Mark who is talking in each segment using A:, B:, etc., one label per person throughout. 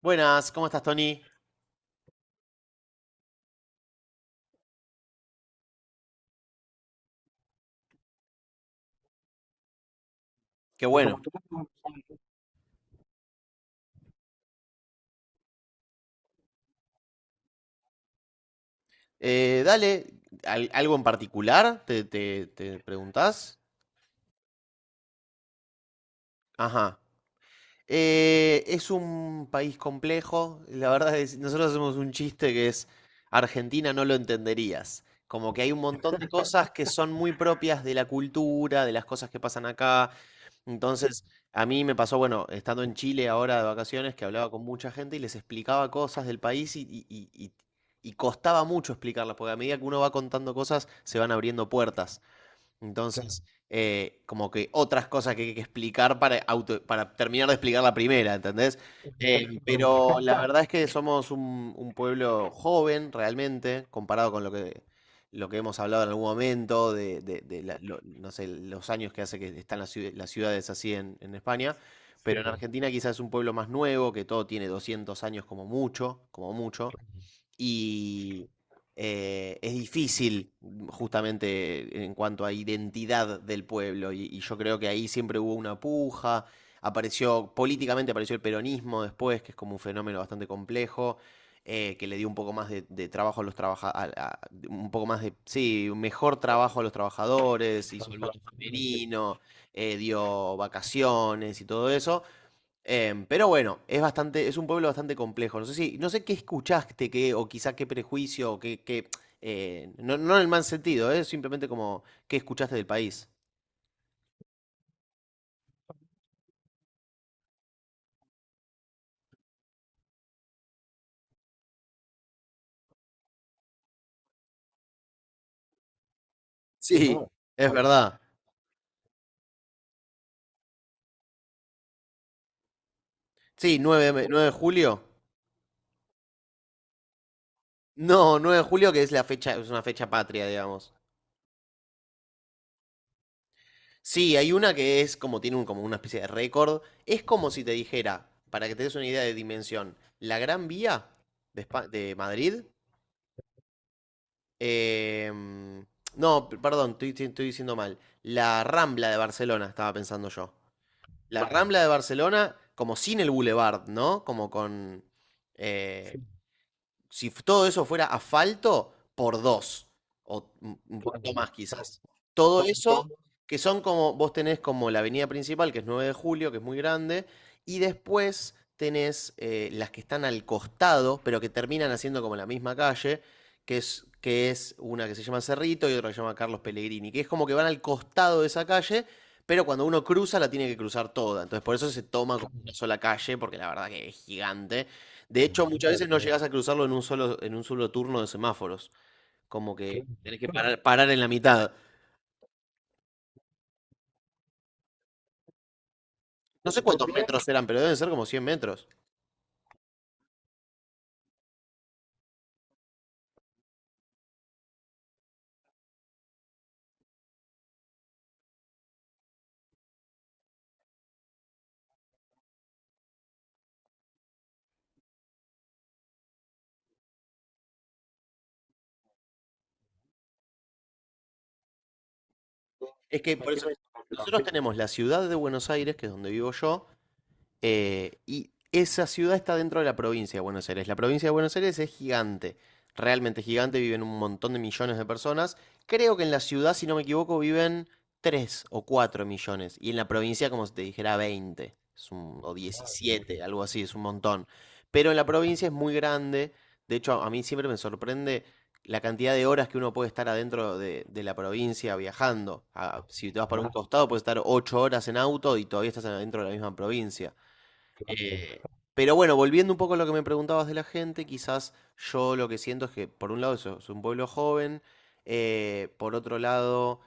A: Buenas, ¿cómo estás, Tony? Qué bueno. Eh, dale, ¿Algo en particular? ¿Te preguntás? Ajá. Es un país complejo. La verdad es, nosotros hacemos un chiste que es Argentina no lo entenderías. Como que hay un montón de cosas que son muy propias de la cultura, de las cosas que pasan acá. Entonces, a mí me pasó, bueno, estando en Chile ahora de vacaciones, que hablaba con mucha gente y les explicaba cosas del país y costaba mucho explicarlas, porque a medida que uno va contando cosas, se van abriendo puertas. Entonces, como que otras cosas que hay que explicar para, para terminar de explicar la primera, ¿entendés? Pero la verdad es que somos un pueblo joven realmente, comparado con lo que hemos hablado en algún momento, no sé, los años que hace que están las ciudades así en España. Pero en Argentina quizás es un pueblo más nuevo, que todo tiene 200 años como mucho, como mucho. y es difícil, justamente en cuanto a identidad del pueblo y yo creo que ahí siempre hubo una puja, apareció políticamente apareció el peronismo después, que es como un fenómeno bastante complejo. Que le dio un poco más de trabajo a los trabajadores, un poco más de, sí, un mejor trabajo a los trabajadores, hizo el voto femenino, dio vacaciones y todo eso. Pero bueno, es bastante, es un pueblo bastante complejo. No sé si, no sé qué escuchaste, qué, o quizá qué prejuicio, no, no en el mal sentido, simplemente como qué escuchaste del país. Sí. No, es verdad. Sí, 9 de julio. No, 9 de julio, que es la fecha, es una fecha patria, digamos. Sí, hay una que es como tiene un, como una especie de récord. Es como si te dijera, para que te des una idea de dimensión, la Gran Vía de Madrid. Em, no, perdón, estoy diciendo mal. La Rambla de Barcelona, estaba pensando yo. La Rambla de Barcelona, como sin el Boulevard, ¿no? Como con... eh, si todo eso fuera asfalto, por dos, o un poquito más quizás. Todo eso, que son como, vos tenés como la avenida principal, que es 9 de julio, que es muy grande, y después tenés las que están al costado, pero que terminan haciendo como la misma calle, que es una que se llama Cerrito y otra que se llama Carlos Pellegrini, que es como que van al costado de esa calle, pero cuando uno cruza la tiene que cruzar toda. Entonces por eso se toma como una sola calle, porque la verdad que es gigante. De hecho, muchas veces no llegas a cruzarlo en en un solo turno de semáforos. Como que hay que parar, parar en la mitad. No sé cuántos metros eran, pero deben ser como 100 metros. Es que por eso, nosotros tenemos la ciudad de Buenos Aires, que es donde vivo yo. Y esa ciudad está dentro de la provincia de Buenos Aires. La provincia de Buenos Aires es gigante, realmente gigante, viven un montón de millones de personas. Creo que en la ciudad, si no me equivoco, viven 3 o 4 millones. Y en la provincia, como si te dijera, veinte o diecisiete, algo así, es un montón. Pero en la provincia es muy grande. De hecho, a mí siempre me sorprende la cantidad de horas que uno puede estar adentro de la provincia viajando. Ah, si te vas para un costado, puedes estar 8 horas en auto y todavía estás adentro de la misma provincia. Eh, pero bueno, volviendo un poco a lo que me preguntabas de la gente, quizás yo lo que siento es que, por un lado, eso, es un pueblo joven, por otro lado,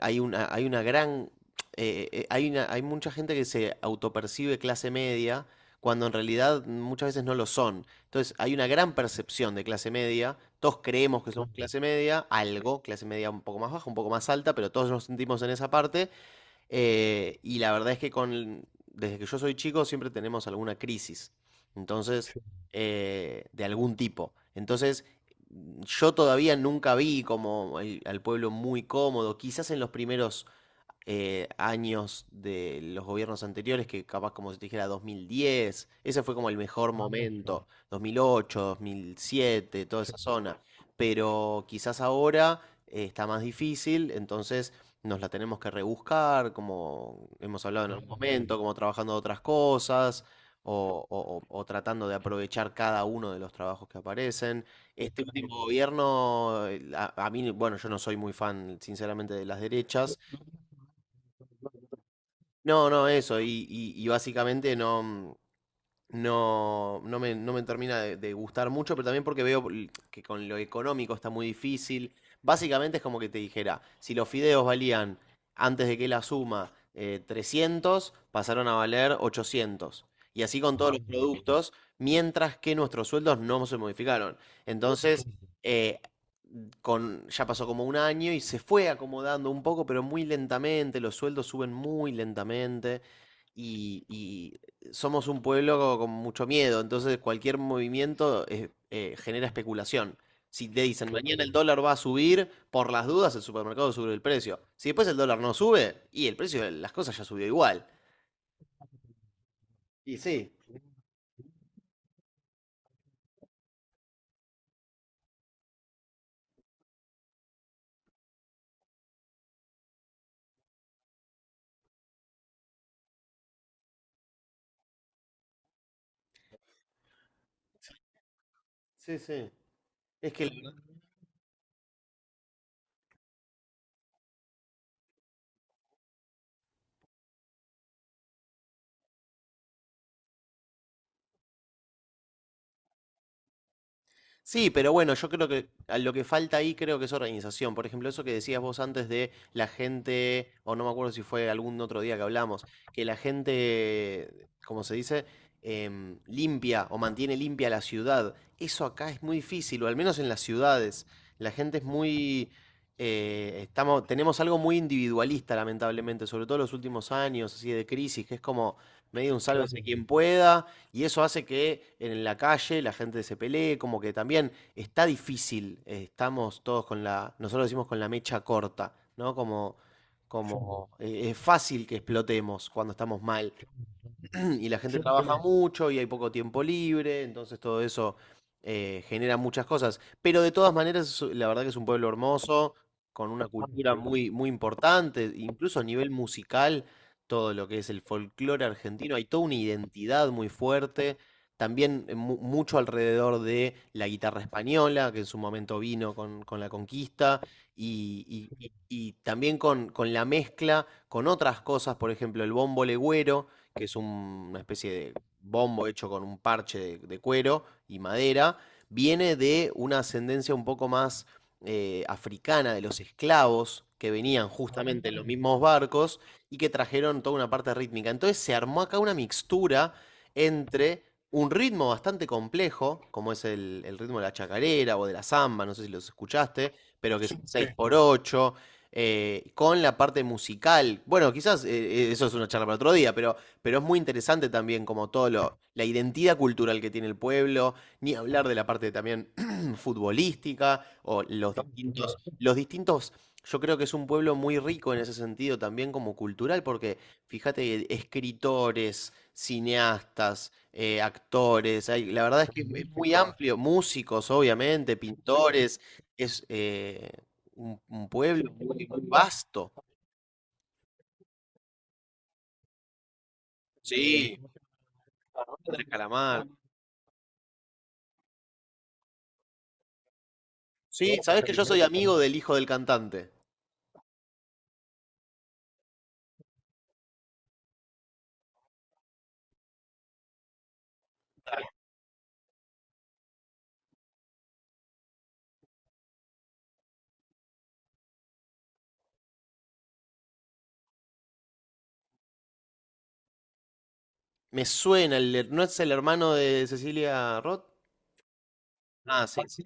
A: hay una gran. Hay mucha gente que se autopercibe clase media, cuando en realidad muchas veces no lo son. Entonces, hay una gran percepción de clase media. Todos creemos que somos clase media, algo, clase media un poco más baja, un poco más alta, pero todos nos sentimos en esa parte. Y la verdad es que con, desde que yo soy chico siempre tenemos alguna crisis, entonces, sí, de algún tipo. Entonces, yo todavía nunca vi como al pueblo muy cómodo, quizás en los primeros años de los gobiernos anteriores, que capaz como se te dijera 2010, ese fue como el mejor momento, 2008, 2007, toda esa zona. Pero quizás ahora está más difícil, entonces nos la tenemos que rebuscar, como hemos hablado en algún momento, como trabajando de otras cosas. O tratando de aprovechar cada uno de los trabajos que aparecen. Este último gobierno, a mí, bueno, yo no soy muy fan, sinceramente, de las derechas, no, no, eso. Y básicamente no me, no me termina de gustar mucho, pero también porque que con lo económico está muy difícil. Básicamente es como que te dijera, si los fideos valían antes de que la suma 300, pasaron a valer 800. Y así con todos los productos, mientras que nuestros sueldos no se modificaron. Entonces, eh, con, ya pasó como un año y se fue acomodando un poco, pero muy lentamente, los sueldos suben muy lentamente y somos un pueblo con mucho miedo, entonces cualquier movimiento genera especulación. Si te dicen mañana el dólar va a subir, por las dudas el supermercado sube el precio. Si después el dólar no sube, y el precio de las cosas ya subió igual. Y sí, sí, sí. Es que sí, pero bueno, yo creo que a lo que falta ahí creo que es organización. Por ejemplo, eso que decías vos antes de la gente, o no me acuerdo si fue algún otro día que hablamos, que la gente, como se dice, limpia o mantiene limpia la ciudad. Eso acá es muy difícil, o al menos en las ciudades. La gente es muy... estamos, tenemos algo muy individualista, lamentablemente, sobre todo en los últimos años, así de crisis, que es como medio un sálvese quien pueda, y eso hace que en la calle la gente se pelee, como que también está difícil, estamos todos con la, nosotros decimos con la mecha corta, ¿no? Como, es fácil que explotemos cuando estamos mal. Y la gente trabaja mucho y hay poco tiempo libre, entonces todo eso genera muchas cosas. Pero de todas maneras, la verdad que es un pueblo hermoso, con una cultura muy, muy importante, incluso a nivel musical, todo lo que es el folclore argentino, hay toda una identidad muy fuerte. También mucho alrededor de la guitarra española, que en su momento vino con la conquista, y también con la mezcla con otras cosas, por ejemplo, el bombo legüero, que es una especie de bombo hecho con un parche de cuero y madera, viene de una ascendencia un poco más africana de los esclavos que venían justamente en los mismos barcos y que trajeron toda una parte rítmica. Entonces se armó acá una mixtura entre un ritmo bastante complejo, como es el ritmo de la chacarera o de la samba, no sé si los escuchaste, pero que es un 6x8, con la parte musical. Bueno, quizás eso es una charla para otro día, pero es muy interesante también como todo lo, la identidad cultural que tiene el pueblo, ni hablar de la parte también futbolística o los distintos, yo creo que es un pueblo muy rico en ese sentido también como cultural, porque fíjate, escritores, cineastas, actores, la verdad es que es muy amplio, músicos obviamente, pintores, es un pueblo muy, muy vasto. Sí, Andrés Calamar. Sí, sabes que yo soy amigo del hijo del cantante. Me suena, ¿no es el hermano de Cecilia Roth? Ah, sí. Sí.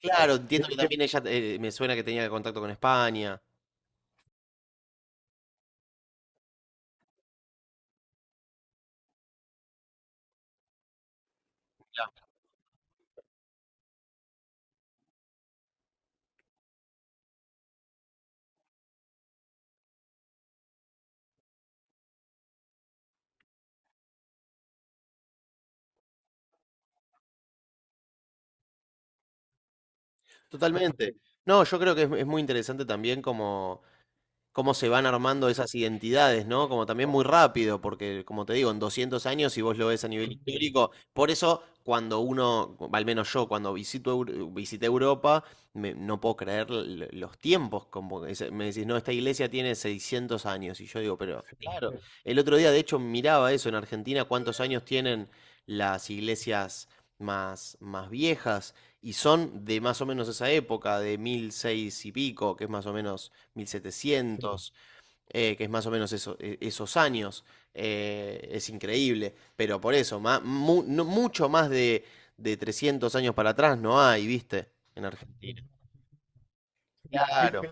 A: Claro, entiendo que también ella me suena que tenía contacto con España. Claro. Totalmente. No, yo creo que es muy interesante también como cómo se van armando esas identidades, ¿no? Como también muy rápido, porque como te digo, en 200 años, si vos lo ves a nivel histórico, por eso cuando uno, al menos yo, cuando visito, visité Europa, no puedo creer los tiempos, como que me decís, no, esta iglesia tiene 600 años, y yo digo, pero claro, el otro día de hecho miraba eso en Argentina, cuántos años tienen las iglesias más, más viejas, y son de más o menos esa época, de 1600 y pico, que es más o menos 1700, que es más o menos esos años. Es increíble, pero por eso, mucho más de 300 años para atrás no hay, ¿viste? En Argentina. Claro,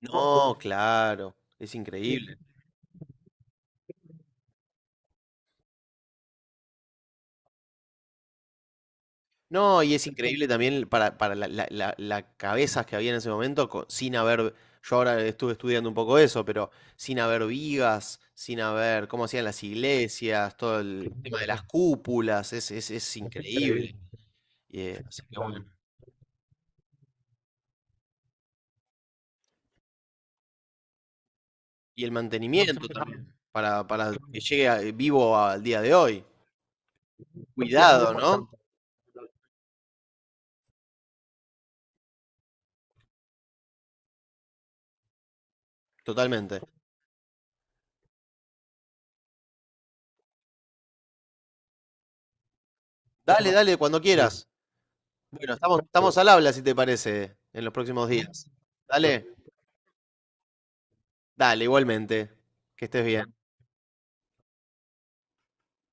A: no, claro, es increíble. No, y es increíble también para la, la cabezas que había en ese momento, sin haber, yo ahora estuve estudiando un poco eso, pero sin haber vigas, sin haber cómo hacían las iglesias, todo el tema de las cúpulas, es increíble. Así que bueno. Y el mantenimiento también, para, vivo al día de hoy. Cuidado, ¿no? Totalmente. Dale, dale, cuando quieras. Bueno, estamos, estamos al habla, si te parece, en los próximos días. Dale, dale, igualmente. Que estés bien.